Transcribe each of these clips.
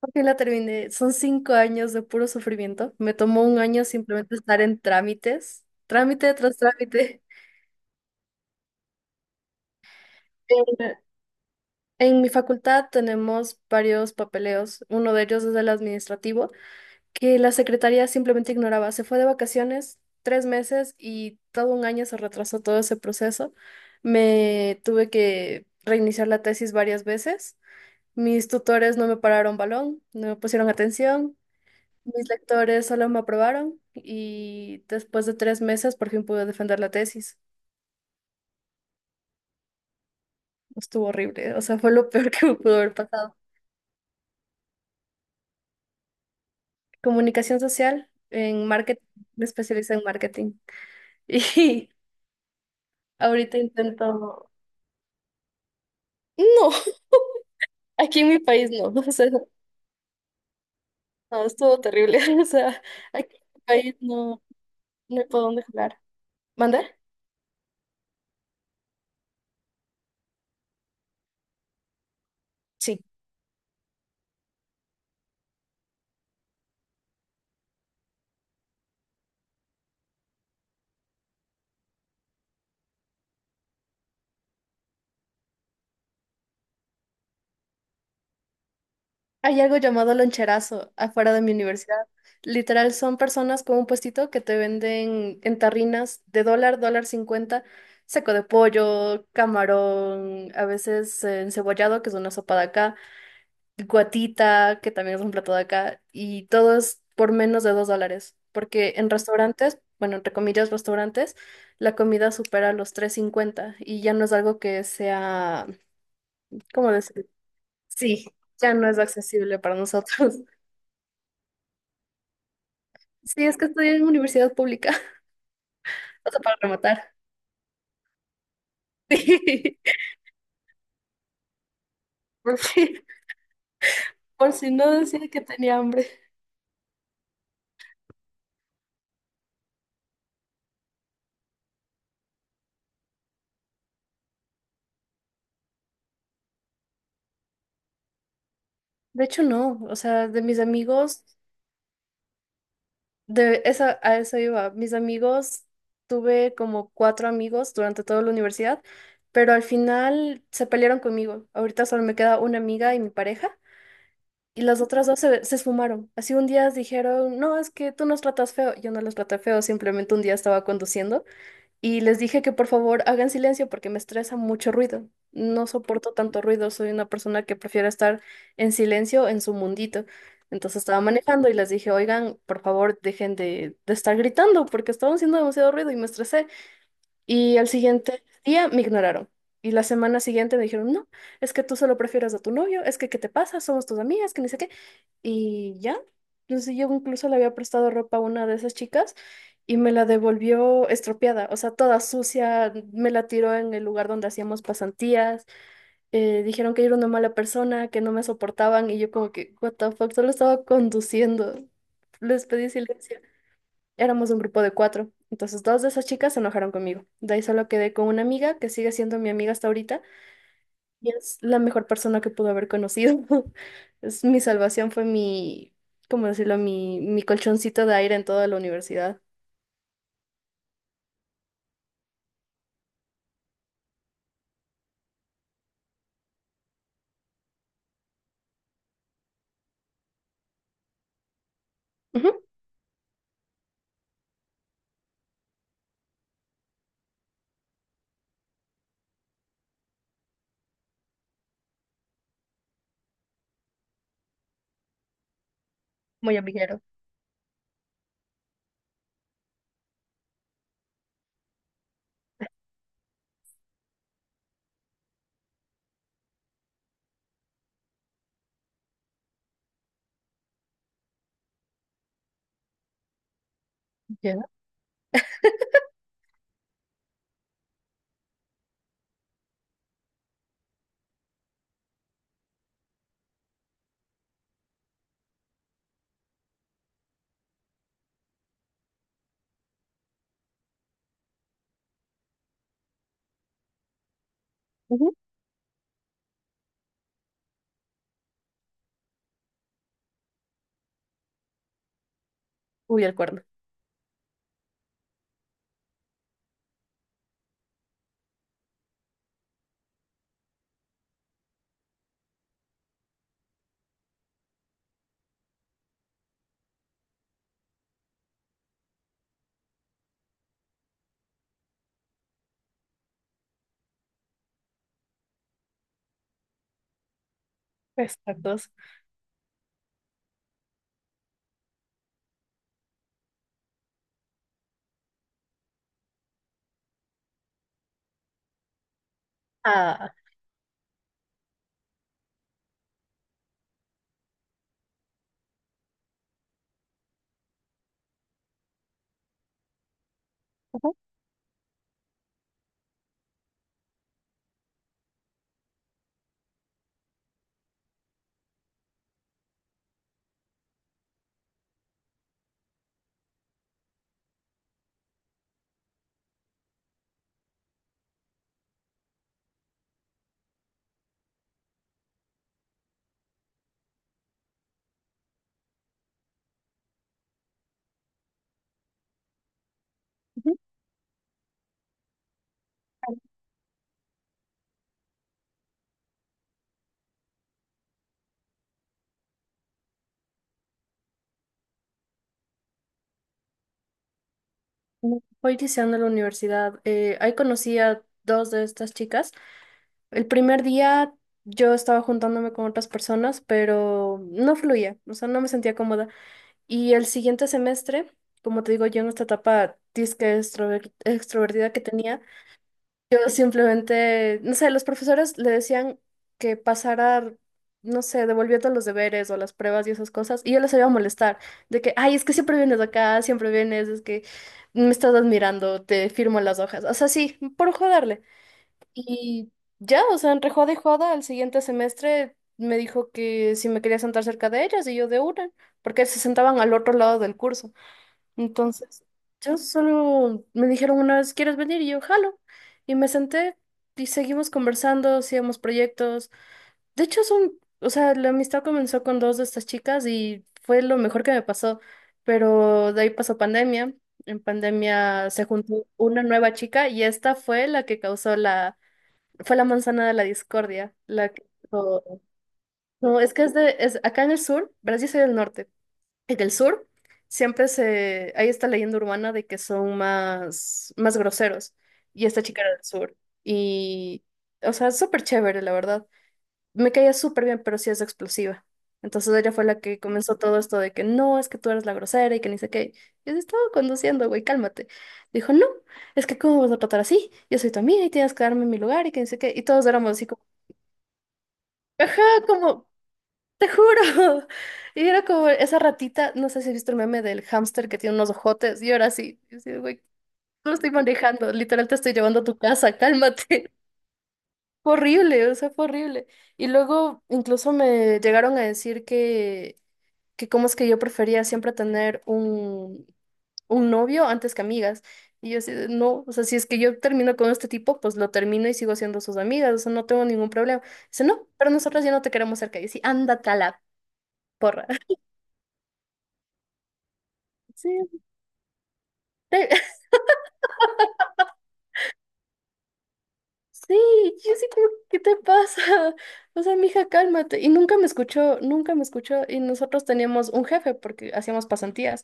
Porque la terminé. Son 5 años de puro sufrimiento. Me tomó un año simplemente estar en trámites, trámite tras trámite. En, en mi facultad tenemos varios papeleos. Uno de ellos es el administrativo, que la secretaría simplemente ignoraba. Se fue de vacaciones 3 meses y todo un año se retrasó todo ese proceso. Me tuve que reiniciar la tesis varias veces. Mis tutores no me pararon balón, no me pusieron atención. Mis lectores solo me aprobaron y después de 3 meses por fin pude defender la tesis. Estuvo horrible, o sea, fue lo peor que me pudo haber pasado. Comunicación social en marketing, me especialicé en marketing y ahorita intento... No, aquí en mi país no, o sea, no, estuvo terrible, o sea, aquí en mi país no, no hay por dónde jugar. ¿Mandar? Hay algo llamado loncherazo afuera de mi universidad. Literal, son personas con un puestito que te venden en tarrinas de dólar, dólar cincuenta, seco de pollo, camarón, a veces encebollado, que es una sopa de acá, guatita, que también es un plato de acá, y todo es por menos de $2. Porque en restaurantes, bueno, entre comillas, restaurantes, la comida supera los 3.50 y ya no es algo que sea, ¿cómo decir? Sí, ya no es accesible para nosotros. Sí, es que estudié en universidad pública, o sea, para rematar. Sí, por si, por si no decía que tenía hambre. De hecho, no, o sea, de mis amigos, de esa, a eso iba, mis amigos, tuve como cuatro amigos durante toda la universidad, pero al final se pelearon conmigo. Ahorita solo me queda una amiga y mi pareja, y las otras dos se esfumaron. Así un día dijeron, no, es que tú nos tratas feo. Yo no los traté feo, simplemente un día estaba conduciendo. Y les dije que por favor hagan silencio porque me estresa mucho ruido. No soporto tanto ruido, soy una persona que prefiere estar en silencio en su mundito. Entonces estaba manejando y les dije, oigan, por favor dejen de estar gritando porque estaban haciendo demasiado ruido y me estresé. Y al siguiente día me ignoraron. Y la semana siguiente me dijeron, no, es que tú solo prefieres a tu novio, es que ¿qué te pasa? Somos tus amigas, que ni sé qué. Y ya. Entonces yo incluso le había prestado ropa a una de esas chicas y me la devolvió estropeada, o sea, toda sucia, me la tiró en el lugar donde hacíamos pasantías. Eh, dijeron que era una mala persona, que no me soportaban y yo como que, what the fuck, solo estaba conduciendo. Les pedí silencio. Éramos un grupo de cuatro, entonces dos de esas chicas se enojaron conmigo. De ahí solo quedé con una amiga que sigue siendo mi amiga hasta ahorita y es la mejor persona que pudo haber conocido. Es mi salvación, fue mi, ¿cómo decirlo? Mi colchoncito de aire en toda la universidad. Ujú. Muy amiguero. Ya, ujú. Uy, el cuerno. Exactos. Ah, ujú, ujú. Hoy iniciando la universidad, ahí conocí a dos de estas chicas. El primer día yo estaba juntándome con otras personas, pero no fluía, o sea, no me sentía cómoda. Y el siguiente semestre, como te digo, yo en esta etapa disque extrovertida que tenía, yo simplemente, no sé, los profesores le decían que pasara, no sé, devolviendo los deberes o las pruebas y esas cosas, y yo les iba a molestar, de que, ay, es que siempre vienes acá, siempre vienes, es que me estás admirando, te firmo las hojas, o sea, sí, por joderle. Y ya, o sea, entre joda y joda, al siguiente semestre me dijo que si me quería sentar cerca de ellas y yo de una, porque se sentaban al otro lado del curso. Entonces, yo solo me dijeron una vez, ¿quieres venir? Y yo, jalo. Y me senté y seguimos conversando, hacíamos proyectos. De hecho, son, o sea, la amistad comenzó con dos de estas chicas y fue lo mejor que me pasó. Pero de ahí pasó pandemia. En pandemia se juntó una nueva chica y esta fue la que causó la, fue la manzana de la discordia, la que... No, es que es de... Es, acá en el sur, verás, yo soy del norte. En el sur siempre se... Hay esta leyenda urbana de que son más, más groseros. Y esta chica era del sur. Y... O sea, es súper chévere, la verdad. Me caía súper bien, pero sí es explosiva. Entonces ella fue la que comenzó todo esto de que no, es que tú eres la grosera y que ni sé qué. Yo estaba conduciendo, güey, cálmate. Dijo, no, es que cómo me vas a tratar así, yo soy tu amiga y tienes que darme mi lugar y que ni sé qué. Y todos éramos así como... Ajá, como, te juro. Y era como esa ratita, no sé si has visto el meme del hámster que tiene unos ojotes, y ahora sí, y así, güey, no estoy manejando, literal te estoy llevando a tu casa, cálmate. Fue horrible, o sea, fue horrible. Y luego incluso me llegaron a decir que cómo es que yo prefería siempre tener un novio antes que amigas. Y yo así, de, no, o sea, si es que yo termino con este tipo, pues lo termino y sigo siendo sus amigas, o sea, no tengo ningún problema. Dice, no, pero nosotros ya no te queremos cerca. Y yo así, ándate a la porra. Sí, te- sí, yo sí como, ¿qué te pasa? O sea, mija, cálmate. Y nunca me escuchó, nunca me escuchó. Y nosotros teníamos un jefe porque hacíamos pasantías.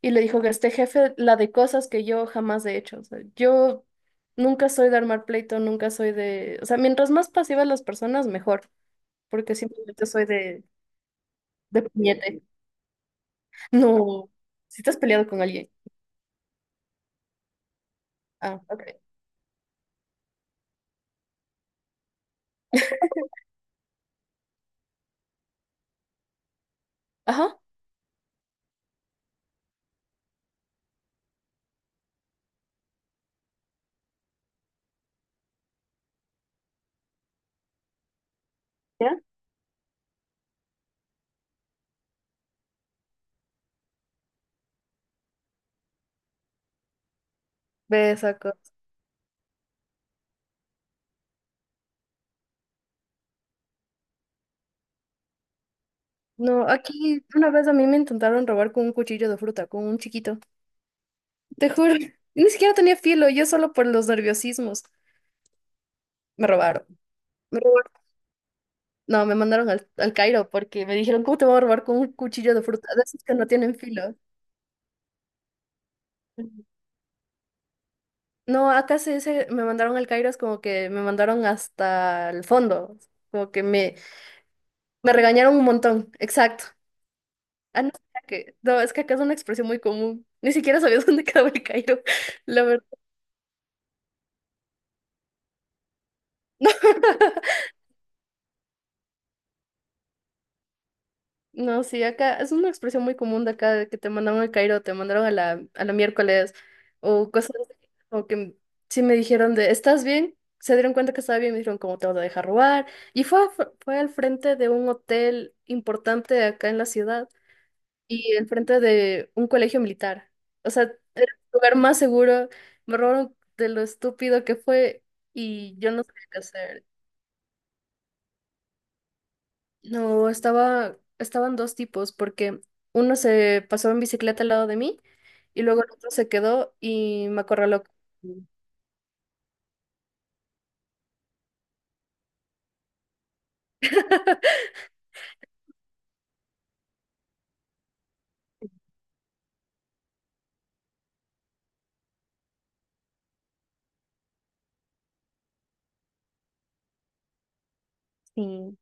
Y le dijo que este jefe, la de cosas que yo jamás he hecho. O sea, yo nunca soy de armar pleito, nunca soy de... O sea, mientras más pasivas las personas, mejor. Porque simplemente soy de puñete. No, si te has peleado con alguien. Ah, ok. Ajá. ¿Ya? Ves. No, aquí una vez a mí me intentaron robar con un cuchillo de fruta, con un chiquito. Te juro, ni siquiera tenía filo, yo solo por los nerviosismos. Me robaron. Me robaron. No, me mandaron al, al Cairo porque me dijeron, ¿cómo te van a robar con un cuchillo de fruta? De esos que no tienen filo. No, acá se dice, me mandaron al Cairo, es como que me mandaron hasta el fondo. Como que me regañaron un montón. Exacto. Ah, no, es que, no, es que acá es una expresión muy común. Ni siquiera sabía dónde quedaba el Cairo, la verdad. No, sí, acá es una expresión muy común de acá de que te mandaron al Cairo, te mandaron a la, miércoles o cosas así, como que sí me dijeron de, ¿estás bien? Se dieron cuenta que estaba bien, me dijeron, ¿cómo te vas a dejar robar? Y fue, al frente de un hotel importante acá en la ciudad y al frente de un colegio militar. O sea, era el lugar más seguro, me robaron de lo estúpido que fue y yo no sabía qué hacer. No, estaba, estaban dos tipos, porque uno se pasó en bicicleta al lado de mí y luego el otro se quedó y me acorraló. Sí.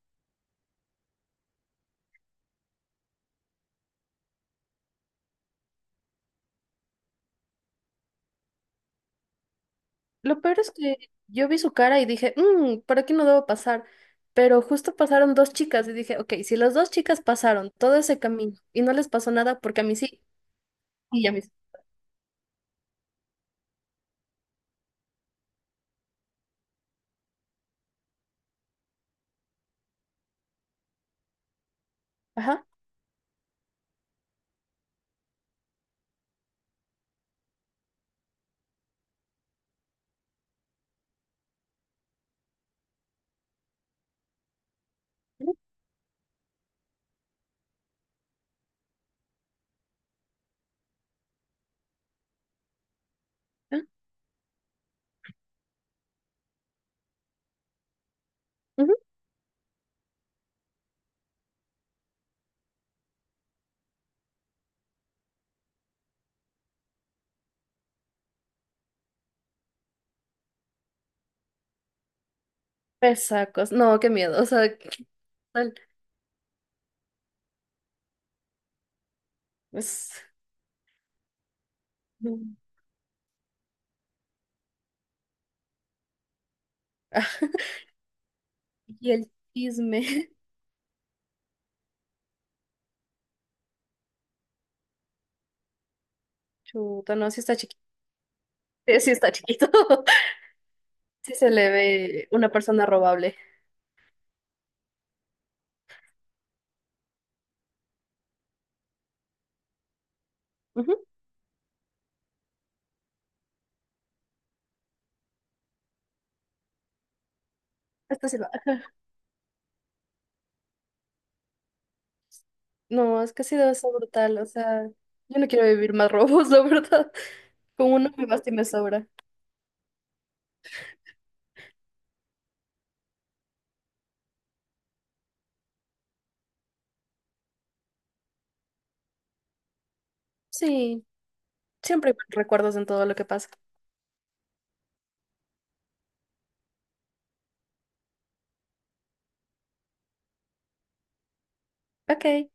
Lo peor es que yo vi su cara y dije, "Mm, por aquí no debo pasar". Pero justo pasaron dos chicas y dije, ok, si las dos chicas pasaron todo ese camino y no les pasó nada, porque a mí sí, y a mí sí. Ajá. Ah, ujú. Pesacos. No, qué miedo. O sea, qué tal. Es no. Y el chisme. Chuta, no, sí está chiquito. Sí, sí está chiquito. Sí se le ve una persona robable. Ujú. Hasta se va. No, es que ha sido eso brutal. O sea, yo no quiero vivir más robos, la verdad. Con uno me basta y me sobra. Sí, siempre hay recuerdos en todo lo que pasa. Ok.